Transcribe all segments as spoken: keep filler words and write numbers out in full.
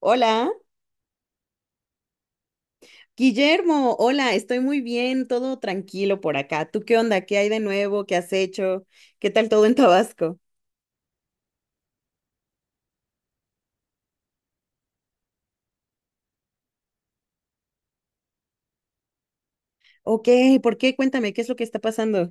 Hola, Guillermo, hola, estoy muy bien, todo tranquilo por acá. ¿Tú qué onda? ¿Qué hay de nuevo? ¿Qué has hecho? ¿Qué tal todo en Tabasco? Ok, ¿por qué? Cuéntame, ¿qué es lo que está pasando?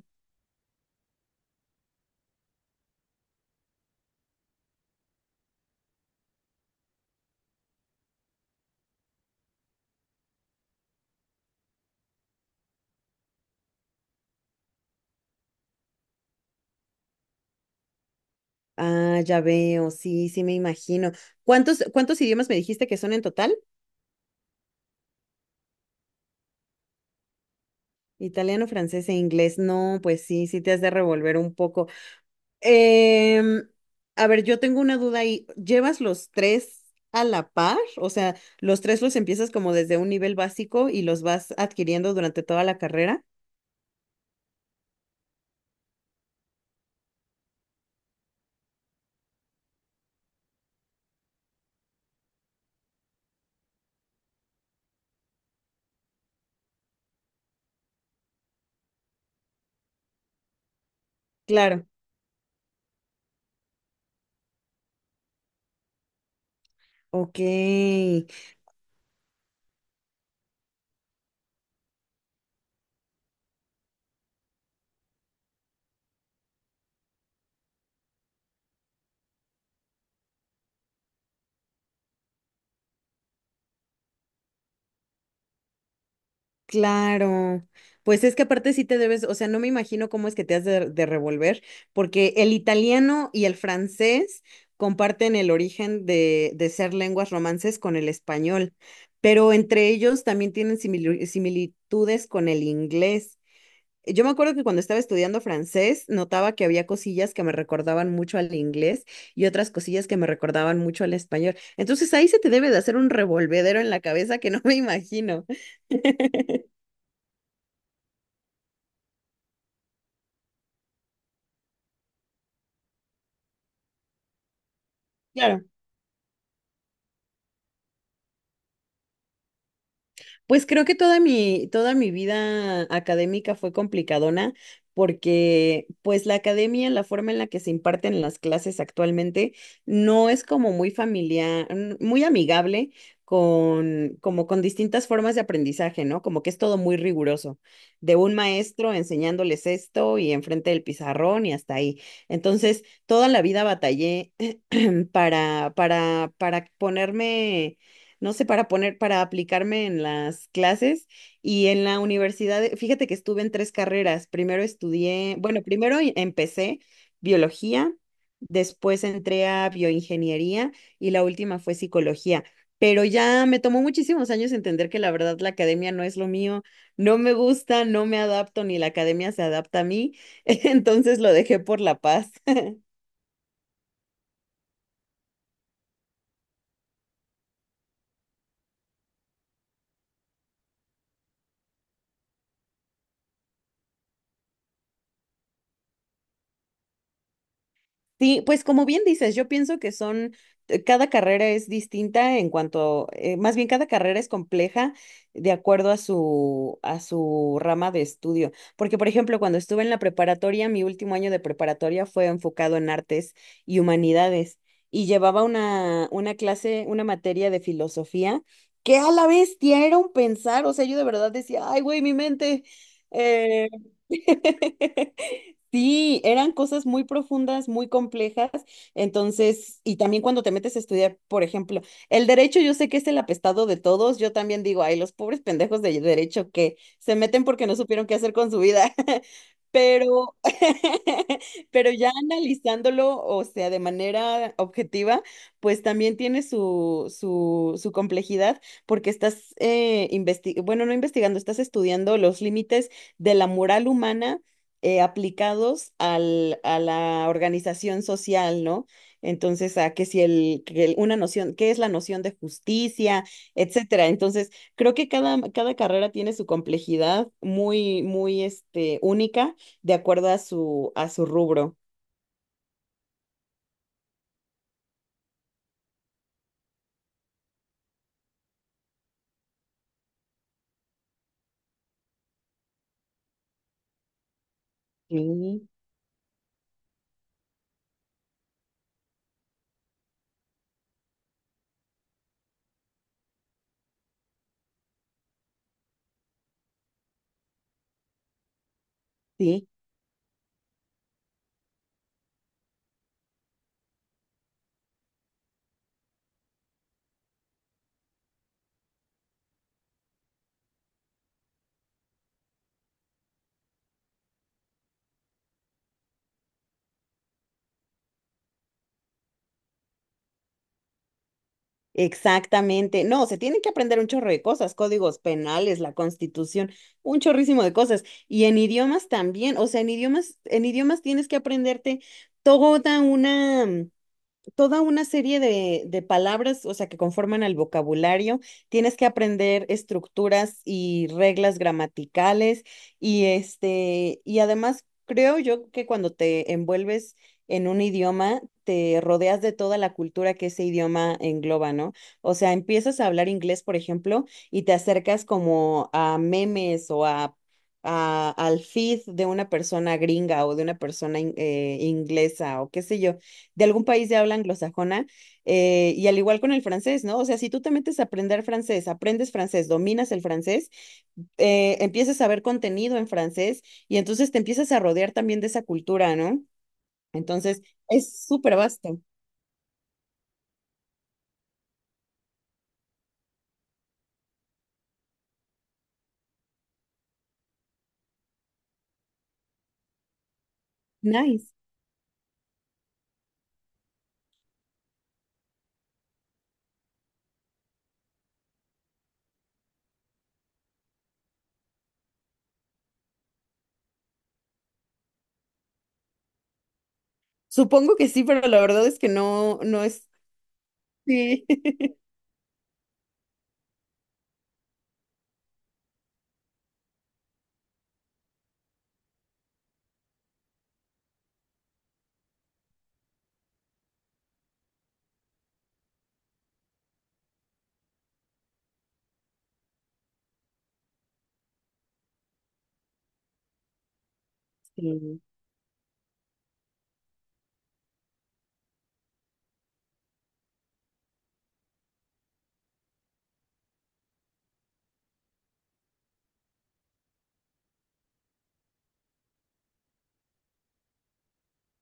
Ah, ya veo, sí, sí me imagino. ¿Cuántos, cuántos idiomas me dijiste que son en total? Italiano, francés e inglés. No, pues sí, sí te has de revolver un poco. Em, a ver, yo tengo una duda ahí. ¿Llevas los tres a la par? O sea, ¿los tres los empiezas como desde un nivel básico y los vas adquiriendo durante toda la carrera? Claro. Ok, claro. Pues es que aparte sí te debes, o sea, no me imagino cómo es que te has de, de revolver, porque el italiano y el francés comparten el origen de, de ser lenguas romances con el español, pero entre ellos también tienen simili- similitudes con el inglés. Eh, Yo me acuerdo que cuando estaba estudiando francés, notaba que había cosillas que me recordaban mucho al inglés y otras cosillas que me recordaban mucho al español. Entonces ahí se te debe de hacer un revolvedero en la cabeza que no me imagino. Claro. Pues creo que toda mi, toda mi vida académica fue complicadona porque pues la academia, la forma en la que se imparten las clases actualmente no es como muy familiar, n- muy amigable con, como con distintas formas de aprendizaje, ¿no? Como que es todo muy riguroso, de un maestro enseñándoles esto y enfrente del pizarrón y hasta ahí. Entonces, toda la vida batallé para, para, para ponerme, no sé, para poner, para aplicarme en las clases y en la universidad, eh, fíjate que estuve en tres carreras. Primero estudié, bueno, primero em- empecé biología, después entré a bioingeniería y la última fue psicología. Pero ya me tomó muchísimos años entender que la verdad la academia no es lo mío, no me gusta, no me adapto, ni la academia se adapta a mí, entonces lo dejé por la paz. Sí, pues como bien dices, yo pienso que son, eh, cada carrera es distinta en cuanto, eh, más bien cada carrera es compleja de acuerdo a su, a su rama de estudio. Porque, por ejemplo, cuando estuve en la preparatoria, mi último año de preparatoria fue enfocado en artes y humanidades y llevaba una, una clase, una materia de filosofía que a la bestia era un pensar, o sea, yo de verdad decía, ay, güey, mi mente. eh, Sí, eran cosas muy profundas, muy complejas. Entonces, y también cuando te metes a estudiar, por ejemplo, el derecho, yo sé que es el apestado de todos. Yo también digo, ay, los pobres pendejos de derecho que se meten porque no supieron qué hacer con su vida. Pero, pero ya analizándolo, o sea, de manera objetiva, pues también tiene su, su, su complejidad porque estás, eh, investi- bueno, no investigando, estás estudiando los límites de la moral humana eh, aplicados al, a la organización social, ¿no? Entonces, a que si el, que el- una noción, ¿qué es la noción de justicia, etcétera? Entonces, creo que cada, cada carrera tiene su complejidad muy, muy, este, única de acuerdo a su, a su rubro. Sí, sí. Exactamente. No, se tienen que aprender un chorro de cosas, códigos penales, la constitución, un chorrísimo de cosas. Y en idiomas también, o sea, en idiomas, en idiomas tienes que aprenderte toda una, toda una serie de, de palabras, o sea, que conforman el vocabulario. Tienes que aprender estructuras y reglas gramaticales y este, y además creo yo que cuando te envuelves en un idioma, te rodeas de toda la cultura que ese idioma engloba, ¿no? O sea, empiezas a hablar inglés, por ejemplo, y te acercas como a memes o a a- al feed de una persona gringa o de una persona in- eh, inglesa o qué sé yo de algún país de habla anglosajona, eh, y al igual con el francés, ¿no? O sea, si tú te metes a aprender francés, aprendes francés, dominas el francés, eh, empiezas a ver contenido en francés y entonces te empiezas a rodear también de esa cultura, ¿no? Entonces, es súper vasto. Nice. Supongo que sí, pero la verdad es que no, no es... Sí. Sí,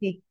sí.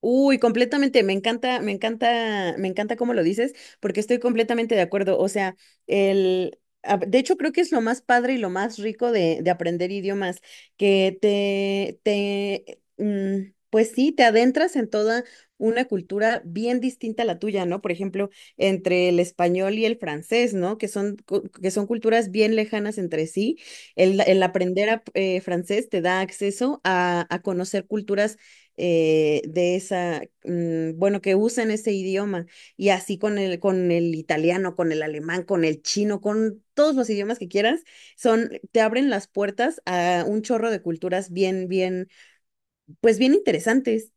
Uy, completamente, me encanta, me encanta, me encanta cómo lo dices, porque estoy completamente de acuerdo. O sea, el, a- de hecho creo que es lo más padre y lo más rico de, de aprender idiomas, que te, te, mm, pues sí, te adentras en toda una cultura bien distinta a la tuya, ¿no? Por ejemplo, entre el español y el francés, ¿no? Que son, cu- que son culturas bien lejanas entre sí. El, el aprender a- eh, francés te da acceso a, a conocer culturas eh, de esa, mm, bueno, que usen ese idioma. Y así con el, con el italiano, con el alemán, con el chino, con todos los idiomas que quieras, son, te abren las puertas a un chorro de culturas bien, bien, pues bien interesantes.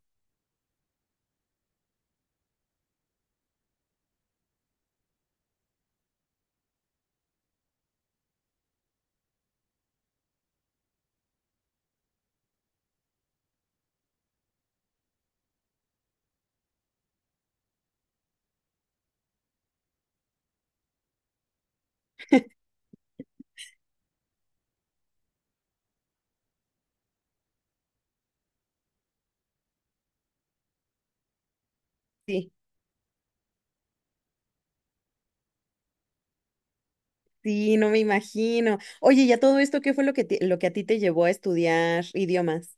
Sí, sí, no me imagino. Oye, ¿y a todo esto qué fue lo que, te- lo que a ti te llevó a estudiar idiomas?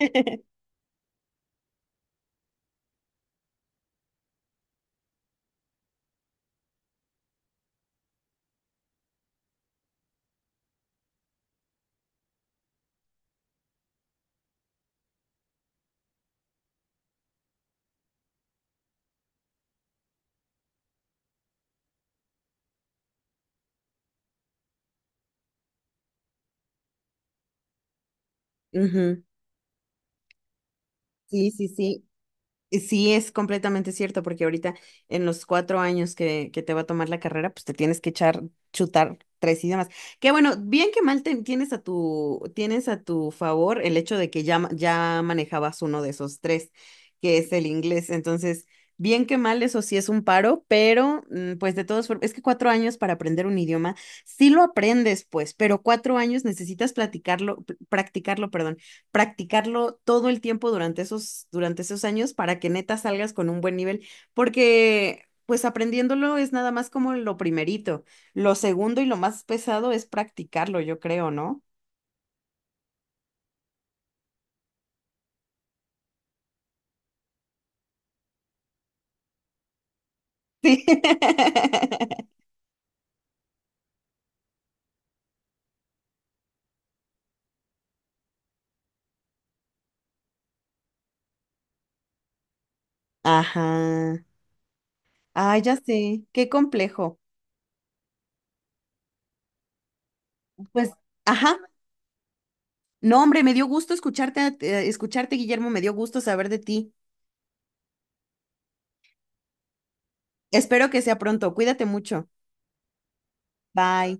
Ujú. Sí, sí, sí. Y sí, es completamente cierto, porque ahorita en los cuatro años que, que te va a tomar la carrera, pues te tienes que echar, chutar tres idiomas. Que bueno, bien que mal te- tienes a tu, tienes a tu favor el hecho de que ya, ma- ya manejabas uno de esos tres, que es el inglés. Entonces, bien que mal, eso sí es un paro, pero mm, pues de todos, es que cuatro años para aprender un idioma, sí lo aprendes, pues, pero cuatro años necesitas platicarlo, pr- practicarlo, perdón, practicarlo todo el tiempo durante esos, durante esos años para que neta salgas con un buen nivel, porque pues aprendiéndolo es nada más como lo primerito. Lo segundo y lo más pesado es practicarlo, yo creo, ¿no? Sí. Ajá. Ay, ya sé, qué complejo. Pues, ajá. No, hombre, me dio gusto escucharte, eh, escucharte, Guillermo, me dio gusto saber de ti. Espero que sea pronto. Cuídate mucho. Bye.